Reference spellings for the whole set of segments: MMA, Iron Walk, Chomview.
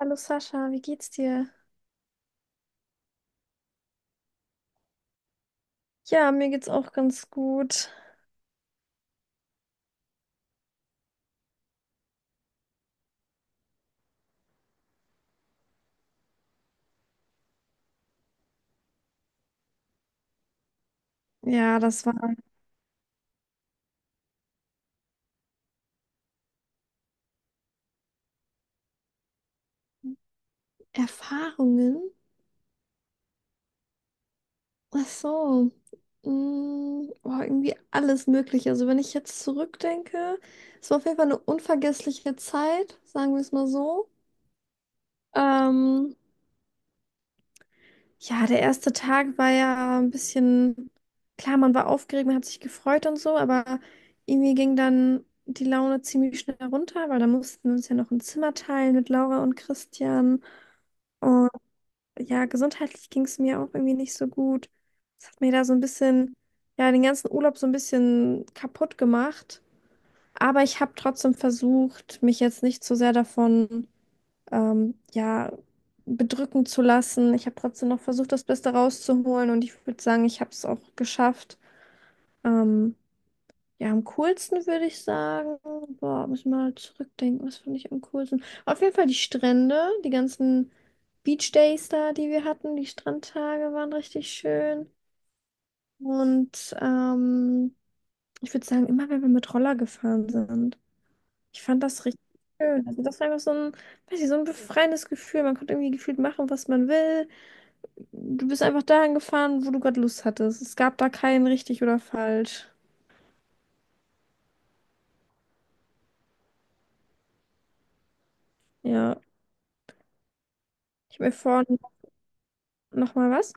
Hallo Sascha, wie geht's dir? Ja, mir geht's auch ganz gut. Ja, das waren Erfahrungen. Ach so. Boah, irgendwie alles Mögliche. Also wenn ich jetzt zurückdenke, es war auf jeden Fall eine unvergessliche Zeit, sagen wir es mal so. Ähm, Ja, der erste Tag war ja ein bisschen, klar, man war aufgeregt, man hat sich gefreut und so, aber irgendwie ging dann die Laune ziemlich schnell runter, weil da mussten wir uns ja noch ein Zimmer teilen mit Laura und Christian. Und ja, gesundheitlich ging es mir auch irgendwie nicht so gut. Das hat mir da so ein bisschen, ja, den ganzen Urlaub so ein bisschen kaputt gemacht. Aber ich habe trotzdem versucht, mich jetzt nicht zu sehr davon ja, bedrücken zu lassen. Ich habe trotzdem noch versucht, das Beste rauszuholen und ich würde sagen, ich habe es auch geschafft. Ähm, ja, am coolsten würde ich sagen, boah, muss ich mal zurückdenken, was fand ich am coolsten? Auf jeden Fall die Strände, die ganzen Beach Days da, die wir hatten, die Strandtage waren richtig schön. Und ich würde sagen, immer wenn wir mit Roller gefahren sind. Ich fand das richtig schön. Also das war einfach so ein, weiß ich, so ein befreiendes Gefühl. Man konnte irgendwie gefühlt machen, was man will. Du bist einfach dahin gefahren, wo du gerade Lust hattest. Es gab da kein richtig oder falsch. Ja. Ich habe mir vorhin noch mal was.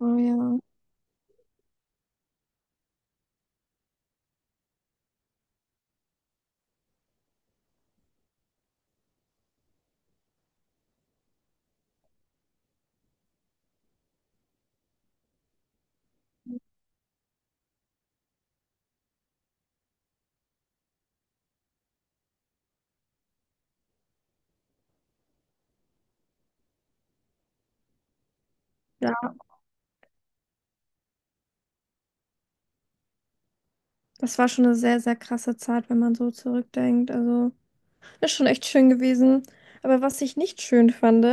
Oh ja. Ja. Das war schon eine sehr, sehr krasse Zeit, wenn man so zurückdenkt. Also, ist schon echt schön gewesen. Aber was ich nicht schön fand,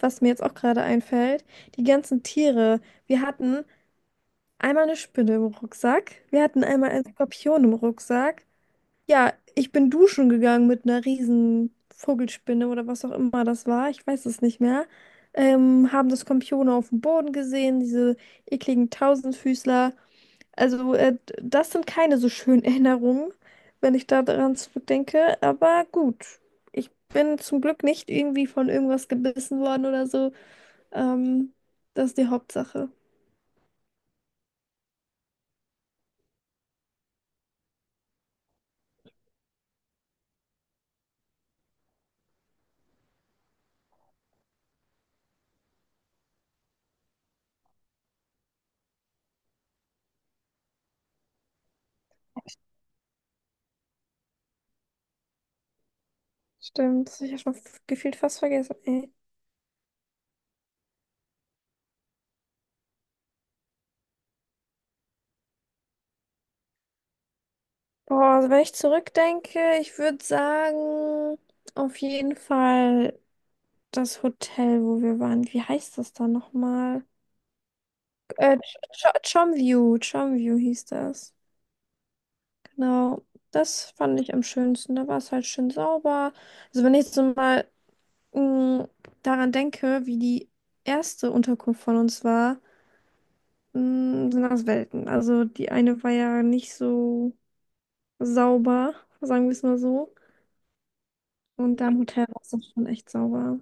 was mir jetzt auch gerade einfällt, die ganzen Tiere. Wir hatten einmal eine Spinne im Rucksack, wir hatten einmal einen Skorpion im Rucksack. Ja, ich bin duschen gegangen mit einer riesen Vogelspinne oder was auch immer das war. Ich weiß es nicht mehr. Haben das Skorpione auf dem Boden gesehen, diese ekligen Tausendfüßler. Also, das sind keine so schönen Erinnerungen, wenn ich da daran zurückdenke. Aber gut, ich bin zum Glück nicht irgendwie von irgendwas gebissen worden oder so. Ähm, das ist die Hauptsache. Stimmt, das hab ich ja schon gefühlt fast vergessen. Boah, also wenn ich zurückdenke, ich würde sagen, auf jeden Fall das Hotel, wo wir waren. Wie heißt das da nochmal? Äh, Ch Chomview, Chomview hieß das. Genau. Das fand ich am schönsten. Da war es halt schön sauber. Also wenn ich jetzt so mal mh, daran denke, wie die erste Unterkunft von uns war, sind das Welten. Also die eine war ja nicht so sauber, sagen wir es mal so. Und da im Hotel war es dann schon echt sauber.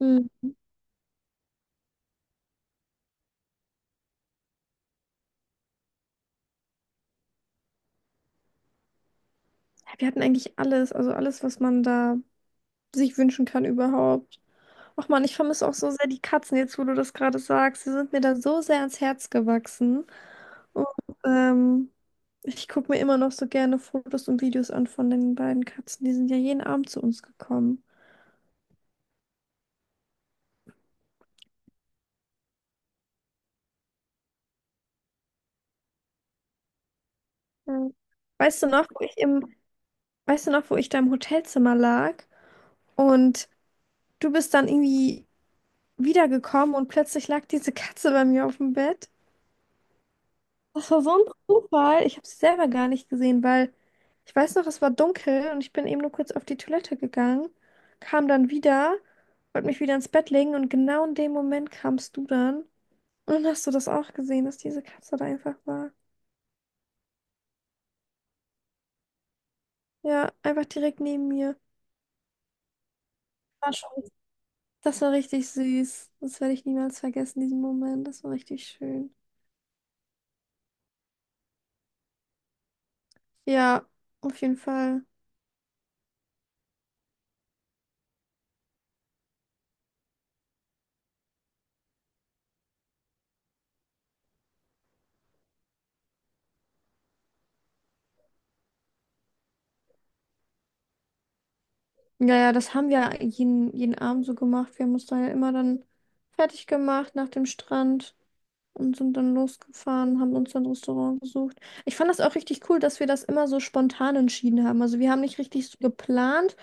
Hm, Ja, Wir hatten eigentlich alles, also alles, was man da sich wünschen kann überhaupt. Och Mann, ich vermisse auch so sehr die Katzen jetzt, wo du das gerade sagst. Sie sind mir da so sehr ans Herz gewachsen. Und ähm, ich gucke mir immer noch so gerne Fotos und Videos an von den beiden Katzen. Die sind ja jeden Abend zu uns gekommen. Ja. Weißt du noch, wo ich im, weißt du noch, wo ich da im Hotelzimmer lag und du bist dann irgendwie wiedergekommen und plötzlich lag diese Katze bei mir auf dem Bett? Das war so ein Zufall. Ich habe sie selber gar nicht gesehen, weil ich weiß noch, es war dunkel und ich bin eben nur kurz auf die Toilette gegangen, kam dann wieder, wollte mich wieder ins Bett legen und genau in dem Moment kamst du dann. Und dann hast du das auch gesehen, dass diese Katze da einfach war. Ja, einfach direkt neben mir. War schon. Das war richtig süß. Das werde ich niemals vergessen, diesen Moment. Das war richtig schön. Ja, auf jeden Fall. Ja, ja, das haben wir jeden Abend so gemacht. Wir haben uns da ja immer dann fertig gemacht nach dem Strand und sind dann losgefahren, haben uns dann ein Restaurant gesucht. Ich fand das auch richtig cool, dass wir das immer so spontan entschieden haben. Also wir haben nicht richtig so geplant,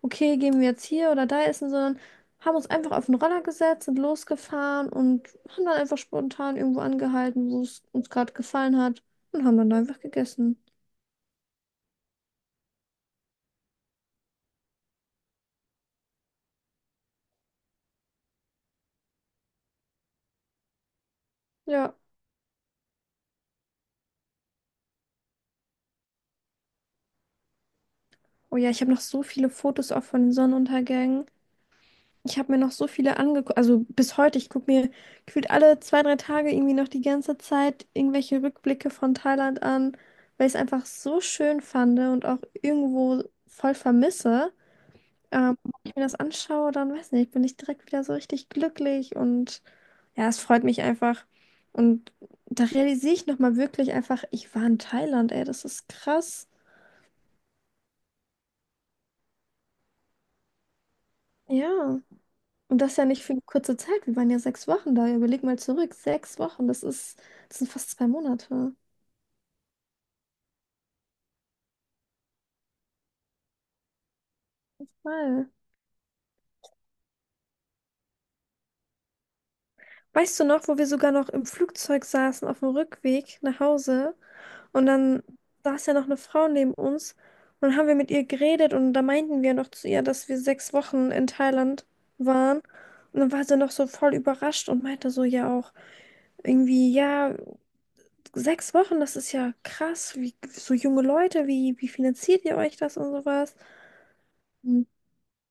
okay, gehen wir jetzt hier oder da essen, sondern haben uns einfach auf den Roller gesetzt, sind losgefahren und haben dann einfach spontan irgendwo angehalten, wo es uns gerade gefallen hat und haben dann da einfach gegessen. Ja. Oh ja, ich habe noch so viele Fotos auch von den Sonnenuntergängen. Ich habe mir noch so viele angeguckt, also bis heute, ich gucke mir gefühlt alle zwei, drei Tage irgendwie noch die ganze Zeit irgendwelche Rückblicke von Thailand an, weil ich es einfach so schön fand und auch irgendwo voll vermisse. Wenn ich mir das anschaue, dann weiß nicht, bin ich direkt wieder so richtig glücklich und ja, es freut mich einfach. Und da realisiere ich nochmal wirklich einfach, ich war in Thailand, ey, das ist krass. Ja. Und das ja nicht für eine kurze Zeit. Wir waren ja sechs Wochen da. Überleg mal zurück. Sechs Wochen, das ist, das sind fast zwei Monate. Mal. Weißt du noch, wo wir sogar noch im Flugzeug saßen auf dem Rückweg nach Hause und dann saß ja noch eine Frau neben uns und dann haben wir mit ihr geredet und da meinten wir noch zu ihr, dass wir sechs Wochen in Thailand waren und dann war sie noch so voll überrascht und meinte so ja auch irgendwie, ja, sechs Wochen, das ist ja krass, wie so junge Leute, wie finanziert ihr euch das und sowas?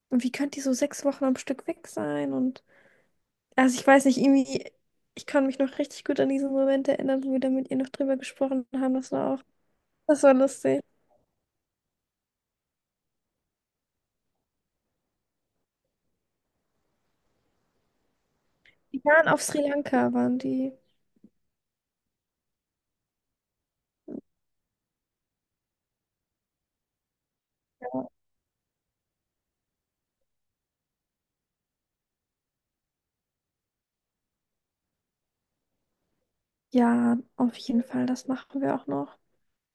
Und wie könnt ihr so sechs Wochen am Stück weg sein? Und also ich weiß nicht, irgendwie, ich kann mich noch richtig gut an diesen Moment erinnern, wo wir da mit ihr noch drüber gesprochen haben. Das war lustig. Die waren auf Sri Lanka, waren die. Ja, auf jeden Fall, das machen wir auch noch.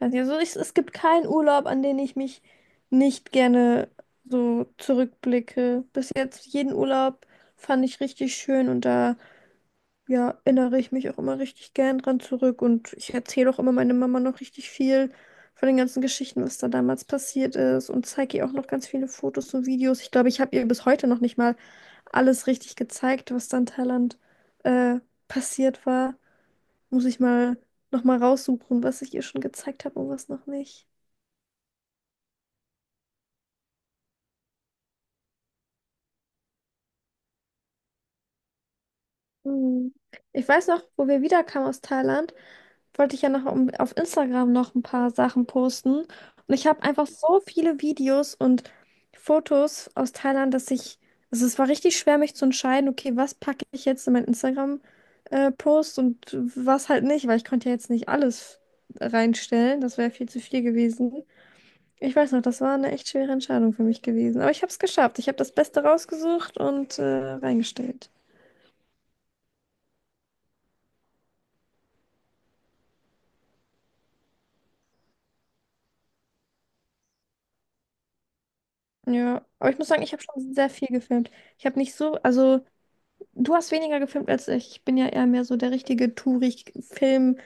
Also ja, so ist- es gibt keinen Urlaub, an den ich mich nicht gerne so zurückblicke. Bis jetzt jeden Urlaub fand ich richtig schön und da ja, erinnere ich mich auch immer richtig gern dran zurück und ich erzähle auch immer meiner Mama noch richtig viel von den ganzen Geschichten, was da damals passiert ist und zeige ihr auch noch ganz viele Fotos und Videos. Ich glaube, ich habe ihr bis heute noch nicht mal alles richtig gezeigt, was da in Thailand äh, passiert war. Muss ich mal noch mal raussuchen, was ich ihr schon gezeigt habe und was noch nicht. Hm. Ich weiß noch, wo wir wiederkamen aus Thailand. Wollte ich ja noch auf Instagram noch ein paar Sachen posten. Und ich habe einfach so viele Videos und Fotos aus Thailand, dass ich, also es war richtig schwer, mich zu entscheiden, okay, was packe ich jetzt in meinen Instagram-Post und was halt nicht, weil ich konnte ja jetzt nicht alles reinstellen. Das wäre viel zu viel gewesen. Ich weiß noch, das war eine echt schwere Entscheidung für mich gewesen. Aber ich habe es geschafft. Ich habe das Beste rausgesucht und reingestellt. Ja, aber ich muss sagen, ich habe schon sehr viel gefilmt. Ich habe nicht so, also. Du hast weniger gefilmt als ich. Ich bin ja eher mehr so der richtige Touri. Ich film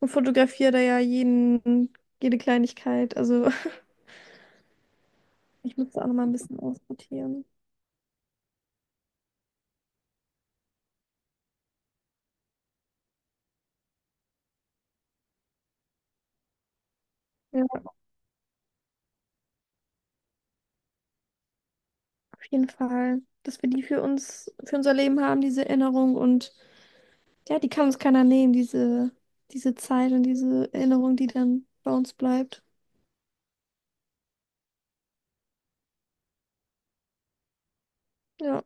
und fotografiere da ja jede Kleinigkeit. Also ich muss da auch nochmal ein bisschen aussortieren. Ja, auf jeden Fall. Dass wir die für uns, für unser Leben haben, diese Erinnerung. Und ja, die kann uns keiner nehmen, diese Zeit und diese Erinnerung, die dann bei uns bleibt. Ja,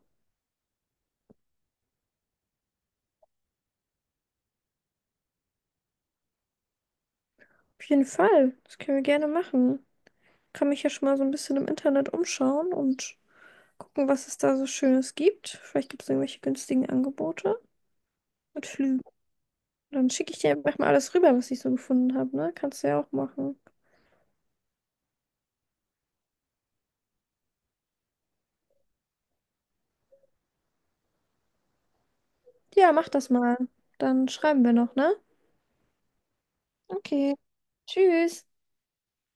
auf jeden Fall. Das können wir gerne machen. Kann mich ja schon mal so ein bisschen im Internet umschauen und gucken, was es da so Schönes gibt. Vielleicht gibt es irgendwelche günstigen Angebote mit Flügen. Dann schicke ich dir einfach mal alles rüber, was ich so gefunden habe, ne? Kannst du ja auch machen. Ja, mach das mal. Dann schreiben wir noch, ne? Okay. Tschüss.